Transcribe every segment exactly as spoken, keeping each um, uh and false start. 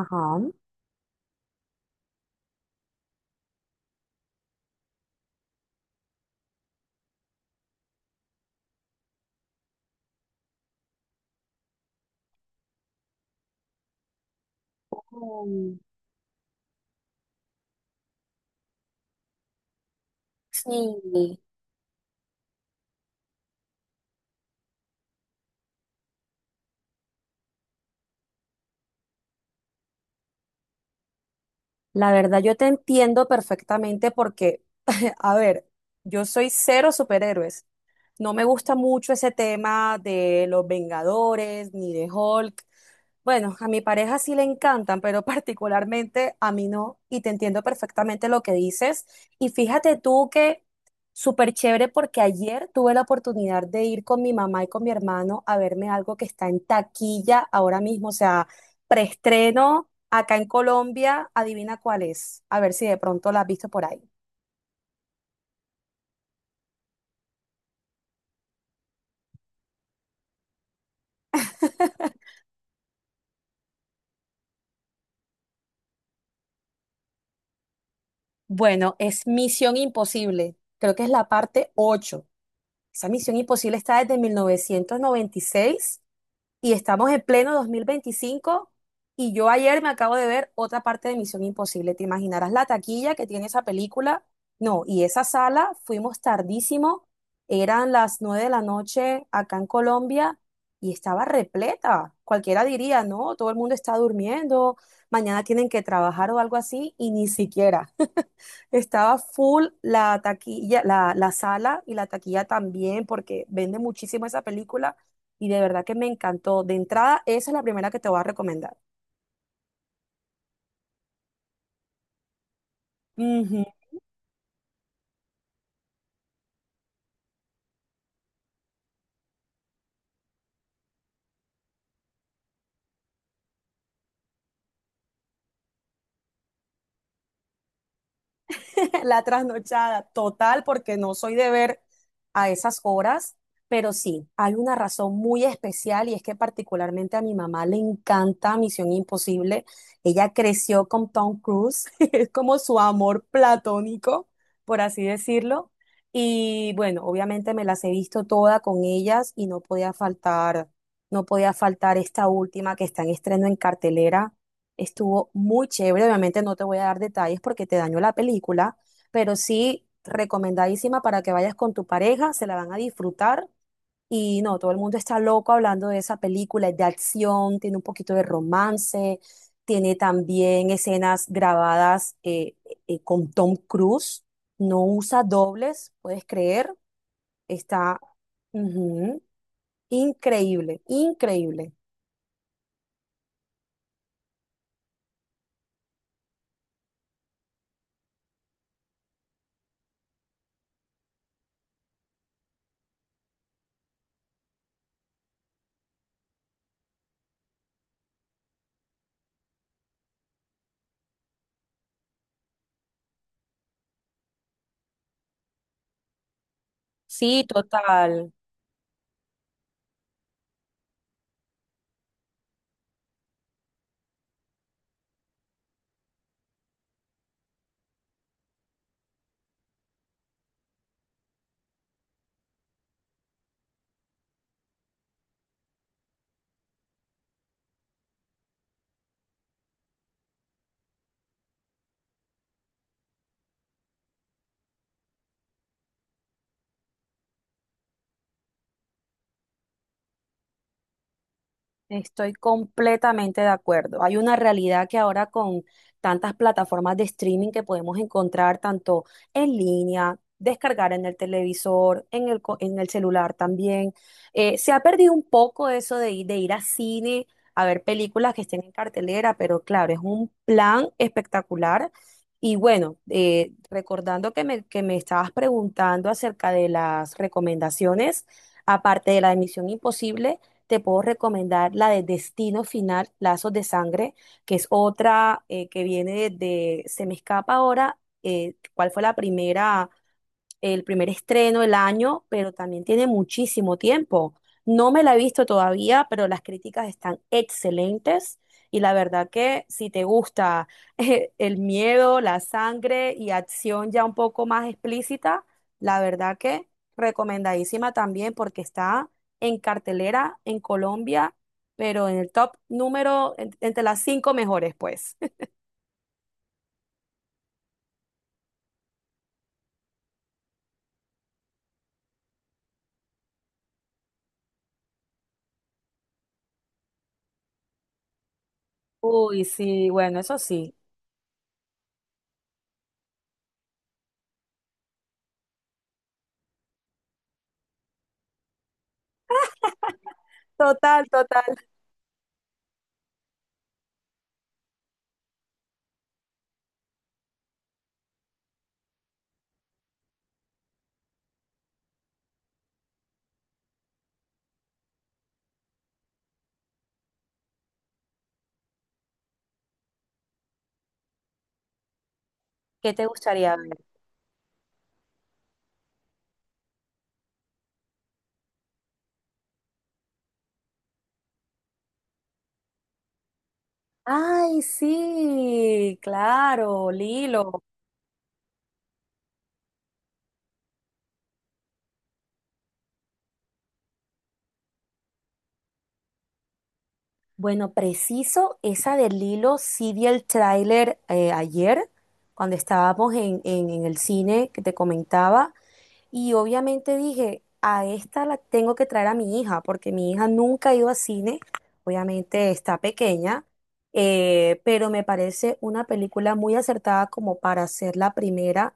Ajá. Mm, sí, la verdad yo te entiendo perfectamente porque, a ver, yo soy cero superhéroes. No me gusta mucho ese tema de los Vengadores ni de Hulk. Bueno, a mi pareja sí le encantan, pero particularmente a mí no, y te entiendo perfectamente lo que dices. Y fíjate tú que súper chévere porque ayer tuve la oportunidad de ir con mi mamá y con mi hermano a verme algo que está en taquilla ahora mismo, o sea, preestreno acá en Colombia, adivina cuál es, a ver si de pronto la has visto por ahí. Bueno, es Misión Imposible. Creo que es la parte ocho. Esa Misión Imposible está desde mil novecientos noventa y seis y seis y estamos en pleno dos mil veinticinco y yo ayer me acabo de ver otra parte de Misión Imposible. ¿Te imaginarás la taquilla que tiene esa película? No, y esa sala fuimos tardísimo. Eran las nueve de la noche acá en Colombia y estaba repleta. Cualquiera diría, no, todo el mundo está durmiendo, mañana tienen que trabajar o algo así y ni siquiera. Estaba full la taquilla, la, la sala y la taquilla también, porque vende muchísimo esa película y de verdad que me encantó. De entrada, esa es la primera que te voy a recomendar. La trasnochada total, porque no soy de ver a esas horas, pero sí, hay una razón muy especial y es que particularmente a mi mamá le encanta Misión Imposible. Ella creció con Tom Cruise, es como su amor platónico, por así decirlo. Y bueno, obviamente me las he visto todas con ellas y no podía faltar, no podía faltar esta última que está en estreno en cartelera. Estuvo muy chévere, obviamente no te voy a dar detalles porque te daño la película, pero sí recomendadísima para que vayas con tu pareja, se la van a disfrutar. Y no, todo el mundo está loco hablando de esa película, es de acción, tiene un poquito de romance, tiene también escenas grabadas eh, eh, con Tom Cruise, no usa dobles, puedes creer, está ujú, increíble, increíble. Sí, total. Estoy completamente de acuerdo. Hay una realidad que ahora con tantas plataformas de streaming que podemos encontrar tanto en línea, descargar en el televisor, en el, co- en el celular también, eh, se ha perdido un poco eso de, ir- de ir a cine a ver películas que estén en cartelera, pero claro, es un plan espectacular. Y bueno, eh, recordando que me, que me estabas preguntando acerca de las recomendaciones, aparte de la de Misión Imposible. Te puedo recomendar la de Destino Final, Lazos de Sangre, que es otra eh, que viene de, de- se me escapa ahora, eh, cuál fue la primera el primer estreno del año, pero también tiene muchísimo tiempo. No me la he visto todavía, pero las críticas están excelentes y la verdad que si te gusta eh, el miedo, la sangre y acción ya un poco más explícita, la verdad que recomendadísima también porque está en cartelera en Colombia, pero en el top número en- entre las cinco mejores, pues. Uy, sí, bueno, eso sí. Total, total. ¿Qué te gustaría ver? Ay, sí, claro, Lilo. Bueno, preciso, esa de Lilo, sí vi el tráiler eh, ayer, cuando estábamos en, en- en el cine que te comentaba, y obviamente dije, a esta la tengo que traer a mi hija, porque mi hija nunca ha ido a cine, obviamente está pequeña, eh, pero me parece una película muy acertada como para ser la primera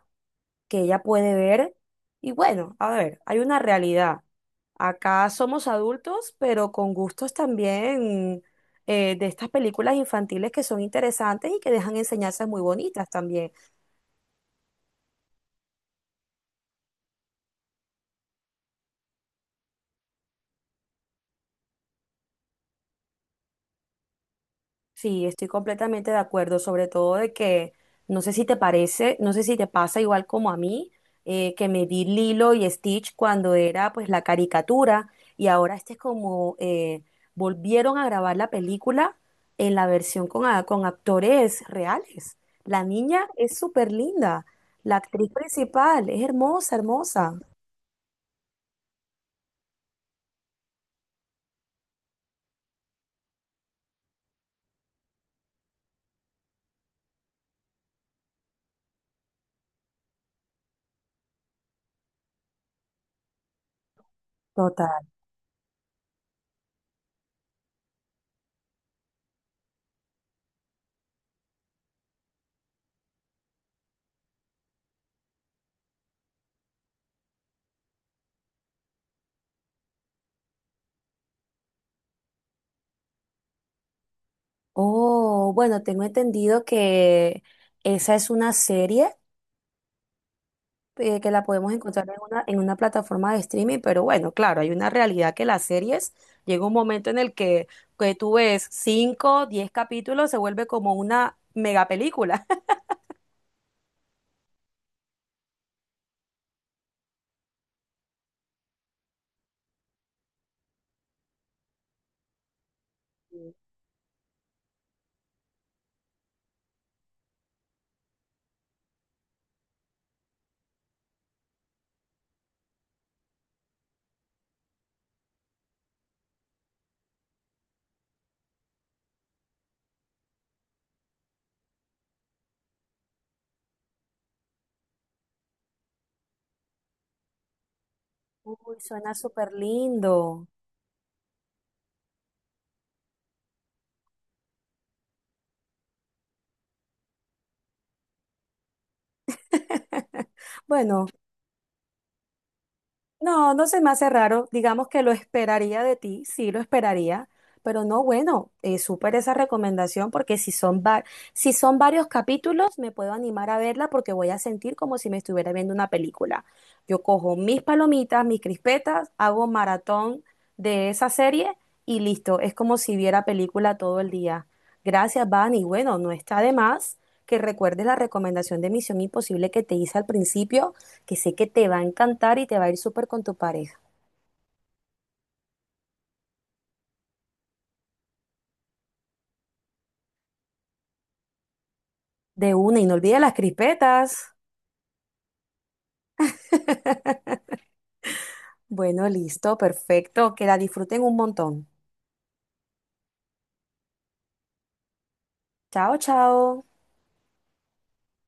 que ella puede ver. Y bueno, a ver, hay una realidad. Acá somos adultos, pero con gustos también eh, de estas películas infantiles que son interesantes y que dejan enseñanzas muy bonitas también. Sí, estoy completamente de acuerdo, sobre todo de que no sé si te parece, no sé si te pasa igual como a mí, eh, que me vi Lilo y Stitch cuando era pues la caricatura y ahora este es como eh, volvieron a grabar la película en la versión con, a- con actores reales. La niña es súper linda, la actriz principal es hermosa, hermosa. Total. Oh, bueno, tengo entendido que esa es una serie. eh, que la podemos encontrar en una, en una plataforma de streaming, pero bueno, claro, hay una realidad que las series llega un momento en el que, que tú ves cinco, diez capítulos, se vuelve como una mega película. Uy, suena súper lindo. Bueno. No, no se me hace raro. Digamos que lo esperaría de ti, sí lo esperaría, pero no, bueno, eh, súper esa recomendación porque si son, va- si son varios capítulos me puedo animar a verla porque voy a sentir como si me estuviera viendo una película. Yo cojo mis palomitas, mis crispetas, hago maratón de esa serie y listo, es como si viera película todo el día. Gracias, Van, y bueno, no está de más que recuerdes la recomendación de Misión Imposible que te hice al principio que sé que te va a encantar y te va a ir súper con tu pareja. De una, y no olvides las crispetas. Bueno, listo, perfecto. Que la disfruten un montón. Chao, chao.